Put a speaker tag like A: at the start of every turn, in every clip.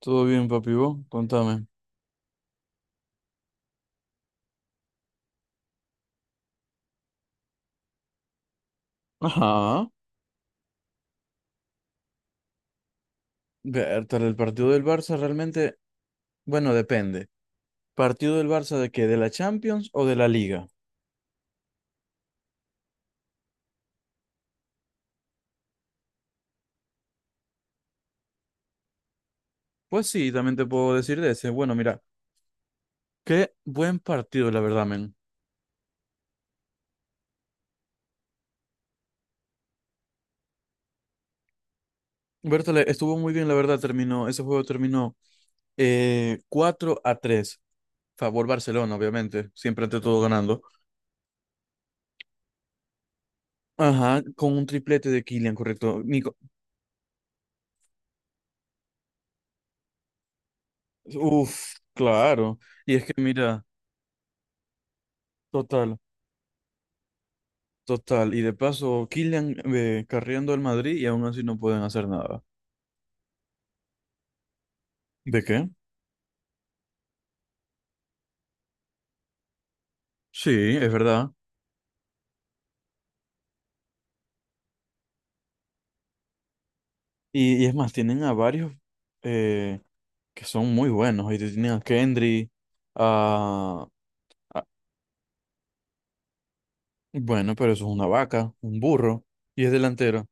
A: Todo bien, papi, vos, contame. Ajá. Bertal, el partido del Barça realmente, bueno, depende. ¿Partido del Barça de qué? ¿De la Champions o de la Liga? Pues sí, también te puedo decir de ese. Bueno, mira, qué buen partido, la verdad, men. Bertal, estuvo muy bien, la verdad, ese juego terminó 4 a tres favor Barcelona, obviamente, siempre ante todo ganando. Ajá, con un triplete de Kylian, correcto. Nico. Uf, claro. Y es que mira, total. Total, y de paso, Kylian carriendo al Madrid y aún así no pueden hacer nada. ¿De qué? Sí, es verdad. Y es más, tienen a varios eh, que son muy buenos. Y tienen a Kendry, a, a- bueno, pero eso es una vaca, un burro, y es delantero.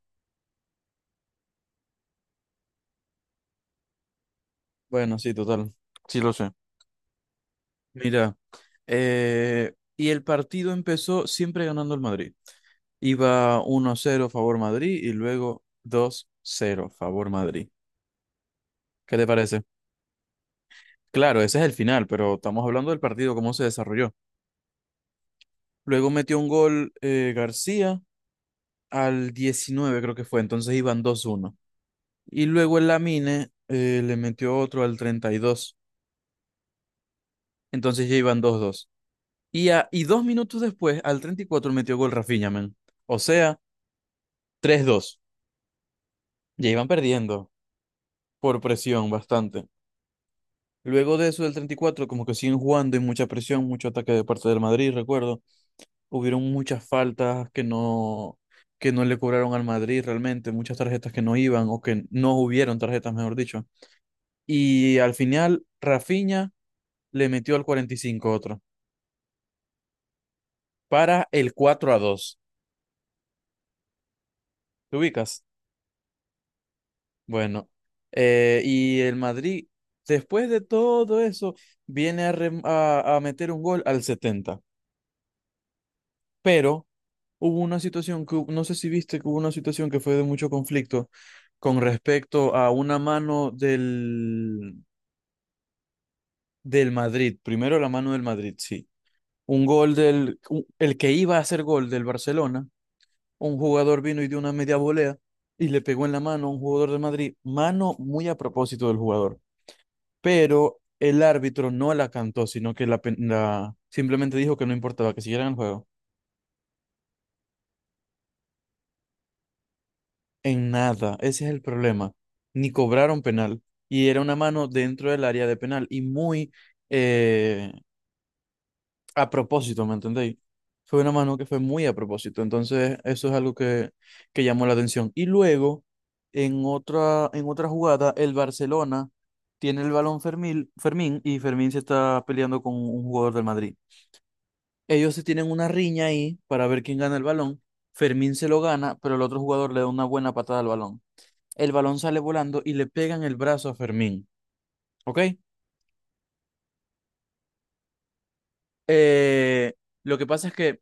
A: Bueno, sí, total. Sí lo sé. Mira, y el partido empezó siempre ganando el Madrid. Iba 1-0 favor Madrid y luego 2-0 favor Madrid. ¿Qué te parece? Claro, ese es el final, pero estamos hablando del partido, cómo se desarrolló. Luego metió un gol García al 19, creo que fue, entonces iban 2-1. Y luego el Lamine le metió otro al 32, entonces ya iban 2-2. Y 2 minutos después, al 34, metió gol Rafinha, men. O sea, 3-2. Ya iban perdiendo por presión bastante. Luego de eso del 34, como que siguen jugando y mucha presión, mucho ataque de parte del Madrid, recuerdo. Hubieron muchas faltas que no le cobraron al Madrid realmente, muchas tarjetas que no iban o que no hubieron tarjetas, mejor dicho. Y al final, Rafinha le metió al 45 otro, para el 4-2. ¿Te ubicas? Bueno, y el Madrid, después de todo eso, viene a meter un gol al 70, pero hubo una situación. No sé si viste que hubo una situación que fue de mucho conflicto con respecto a una mano del Madrid. Primero la mano del Madrid, sí. Un gol, el que iba a hacer gol del Barcelona, un jugador vino y dio una media volea y le pegó en la mano a un jugador del Madrid. Mano muy a propósito del jugador. Pero el árbitro no la cantó, sino que simplemente dijo que no importaba, que siguieran el juego. En nada, ese es el problema. Ni cobraron penal. Y era una mano dentro del área de penal. Y muy eh, a propósito, ¿me entendéis? Fue una mano que fue muy a propósito. Entonces, eso es algo que llamó la atención. Y luego, en otra jugada, el Barcelona tiene el balón Fermín y Fermín se está peleando con un jugador del Madrid. Ellos se tienen una riña ahí para ver quién gana el balón. Fermín se lo gana, pero el otro jugador le da una buena patada al balón. El balón sale volando y le pegan el brazo a Fermín, ¿ok? Eh, lo que pasa es que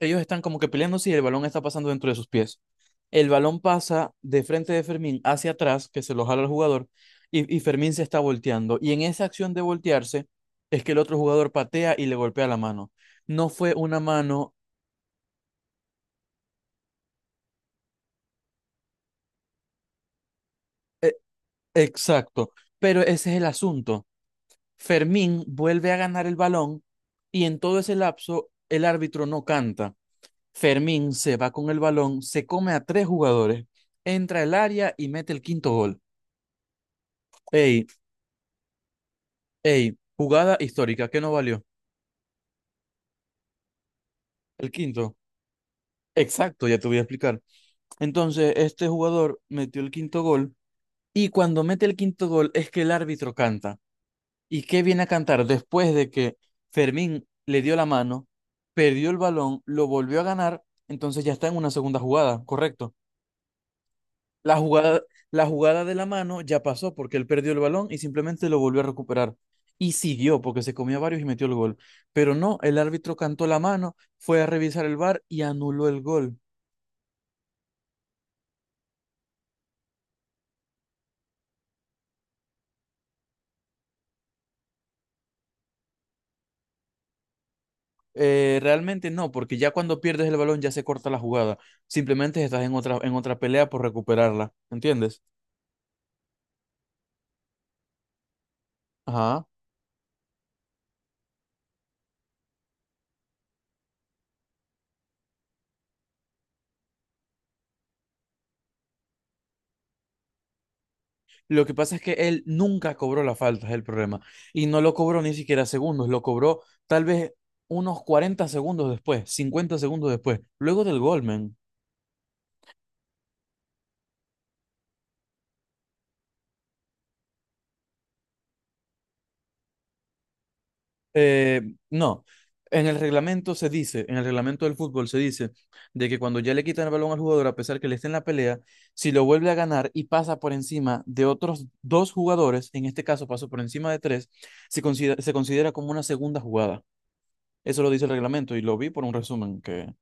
A: ellos están como que peleándose y el balón está pasando dentro de sus pies. El balón pasa de frente de Fermín hacia atrás, que se lo jala el jugador, y Fermín se está volteando. Y en esa acción de voltearse es que el otro jugador patea y le golpea la mano. No fue una mano. eh, exacto, pero ese es el asunto. Fermín vuelve a ganar el balón y en todo ese lapso el árbitro no canta. Fermín se va con el balón, se come a tres jugadores, entra al área y mete el quinto gol. Ey, ey, jugada histórica, ¿qué no valió? El quinto. Exacto, ya te voy a explicar. Entonces, este jugador metió el quinto gol y cuando mete el quinto gol es que el árbitro canta. ¿Y qué viene a cantar después de que Fermín le dio la mano, perdió el balón, lo volvió a ganar? Entonces ya está en una segunda jugada, ¿correcto? La jugada, la jugada de la mano ya pasó porque él perdió el balón y simplemente lo volvió a recuperar. Y siguió porque se comió a varios y metió el gol. Pero no, el árbitro cantó la mano, fue a revisar el VAR y anuló el gol. Realmente no, porque ya cuando pierdes el balón ya se corta la jugada. Simplemente estás en otra pelea por recuperarla. ¿Entiendes? Ajá. Lo que pasa es que él nunca cobró la falta, es el problema. Y no lo cobró ni siquiera segundos, lo cobró tal vez unos 40 segundos después, 50 segundos después, luego del gol, man. No, en el reglamento se dice, en el reglamento del fútbol se dice de que cuando ya le quitan el balón al jugador, a pesar que le esté en la pelea, si lo vuelve a ganar y pasa por encima de otros dos jugadores, en este caso pasó por encima de tres, se considera como una segunda jugada. Eso lo dice el reglamento y lo vi por un resumen.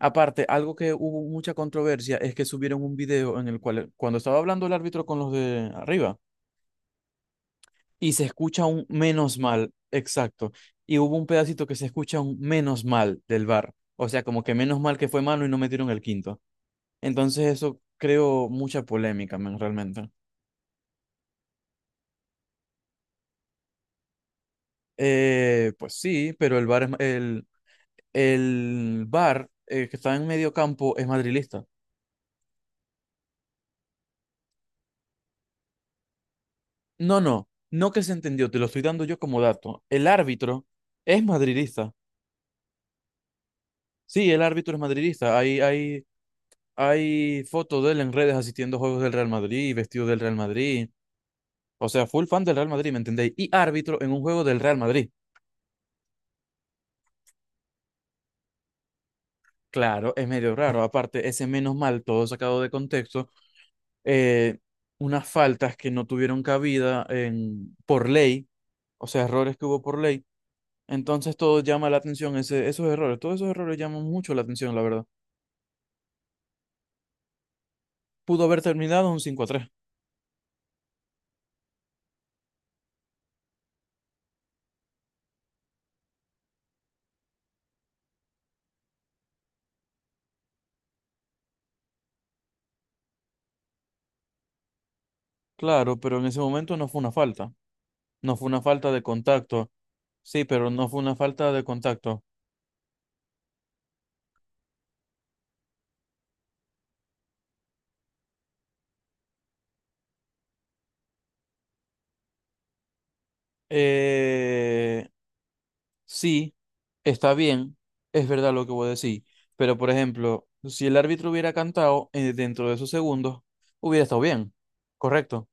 A: Aparte, algo que hubo mucha controversia es que subieron un video en el cual, cuando estaba hablando el árbitro con los de arriba, y se escucha un menos mal, exacto, y hubo un pedacito que se escucha un menos mal del bar, o sea, como que menos mal que fue mano y no metieron el quinto. Entonces eso creó mucha polémica, men, realmente. Pues sí, pero el VAR, que está en medio campo es madrilista. No, no, no que se entendió, te lo estoy dando yo como dato. El árbitro es madridista. Sí, el árbitro es madridista. Hay fotos de él en redes asistiendo a juegos del Real Madrid, vestido del Real Madrid. O sea, full fan del Real Madrid, ¿me entendéis? Y árbitro en un juego del Real Madrid. Claro, es medio raro. Aparte, ese menos mal, todo sacado de contexto, eh, unas faltas que no tuvieron cabida por ley, o sea, errores que hubo por ley. Entonces todo llama la atención, esos errores, todos esos errores llaman mucho la atención, la verdad. Pudo haber terminado un 5-3. Claro, pero en ese momento no fue una falta. No fue una falta de contacto. Sí, pero no fue una falta de contacto. Eh, sí, está bien, es verdad lo que voy a decir. Pero, por ejemplo, si el árbitro hubiera cantado dentro de esos segundos, hubiera estado bien. Correcto.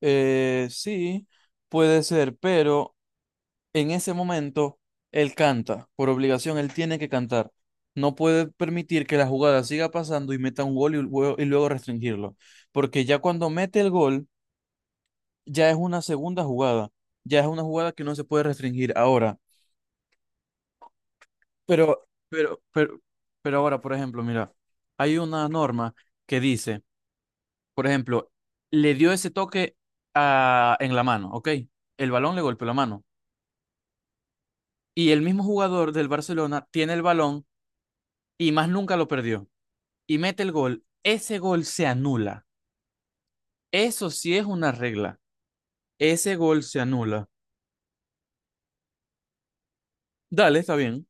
A: Sí, puede ser, pero en ese momento él canta. Por obligación, él tiene que cantar. No puede permitir que la jugada siga pasando y meta un gol y luego restringirlo. Porque ya cuando mete el gol ya es una segunda jugada, ya es una jugada que no se puede restringir ahora. Pero, pero, pero, pero ahora, por ejemplo, mira, hay una norma que dice, por ejemplo, le dio ese toque en la mano, ¿ok? El balón le golpeó la mano. Y el mismo jugador del Barcelona tiene el balón y más nunca lo perdió. Y mete el gol. Ese gol se anula. Eso sí es una regla. Ese gol se anula. Dale, está bien.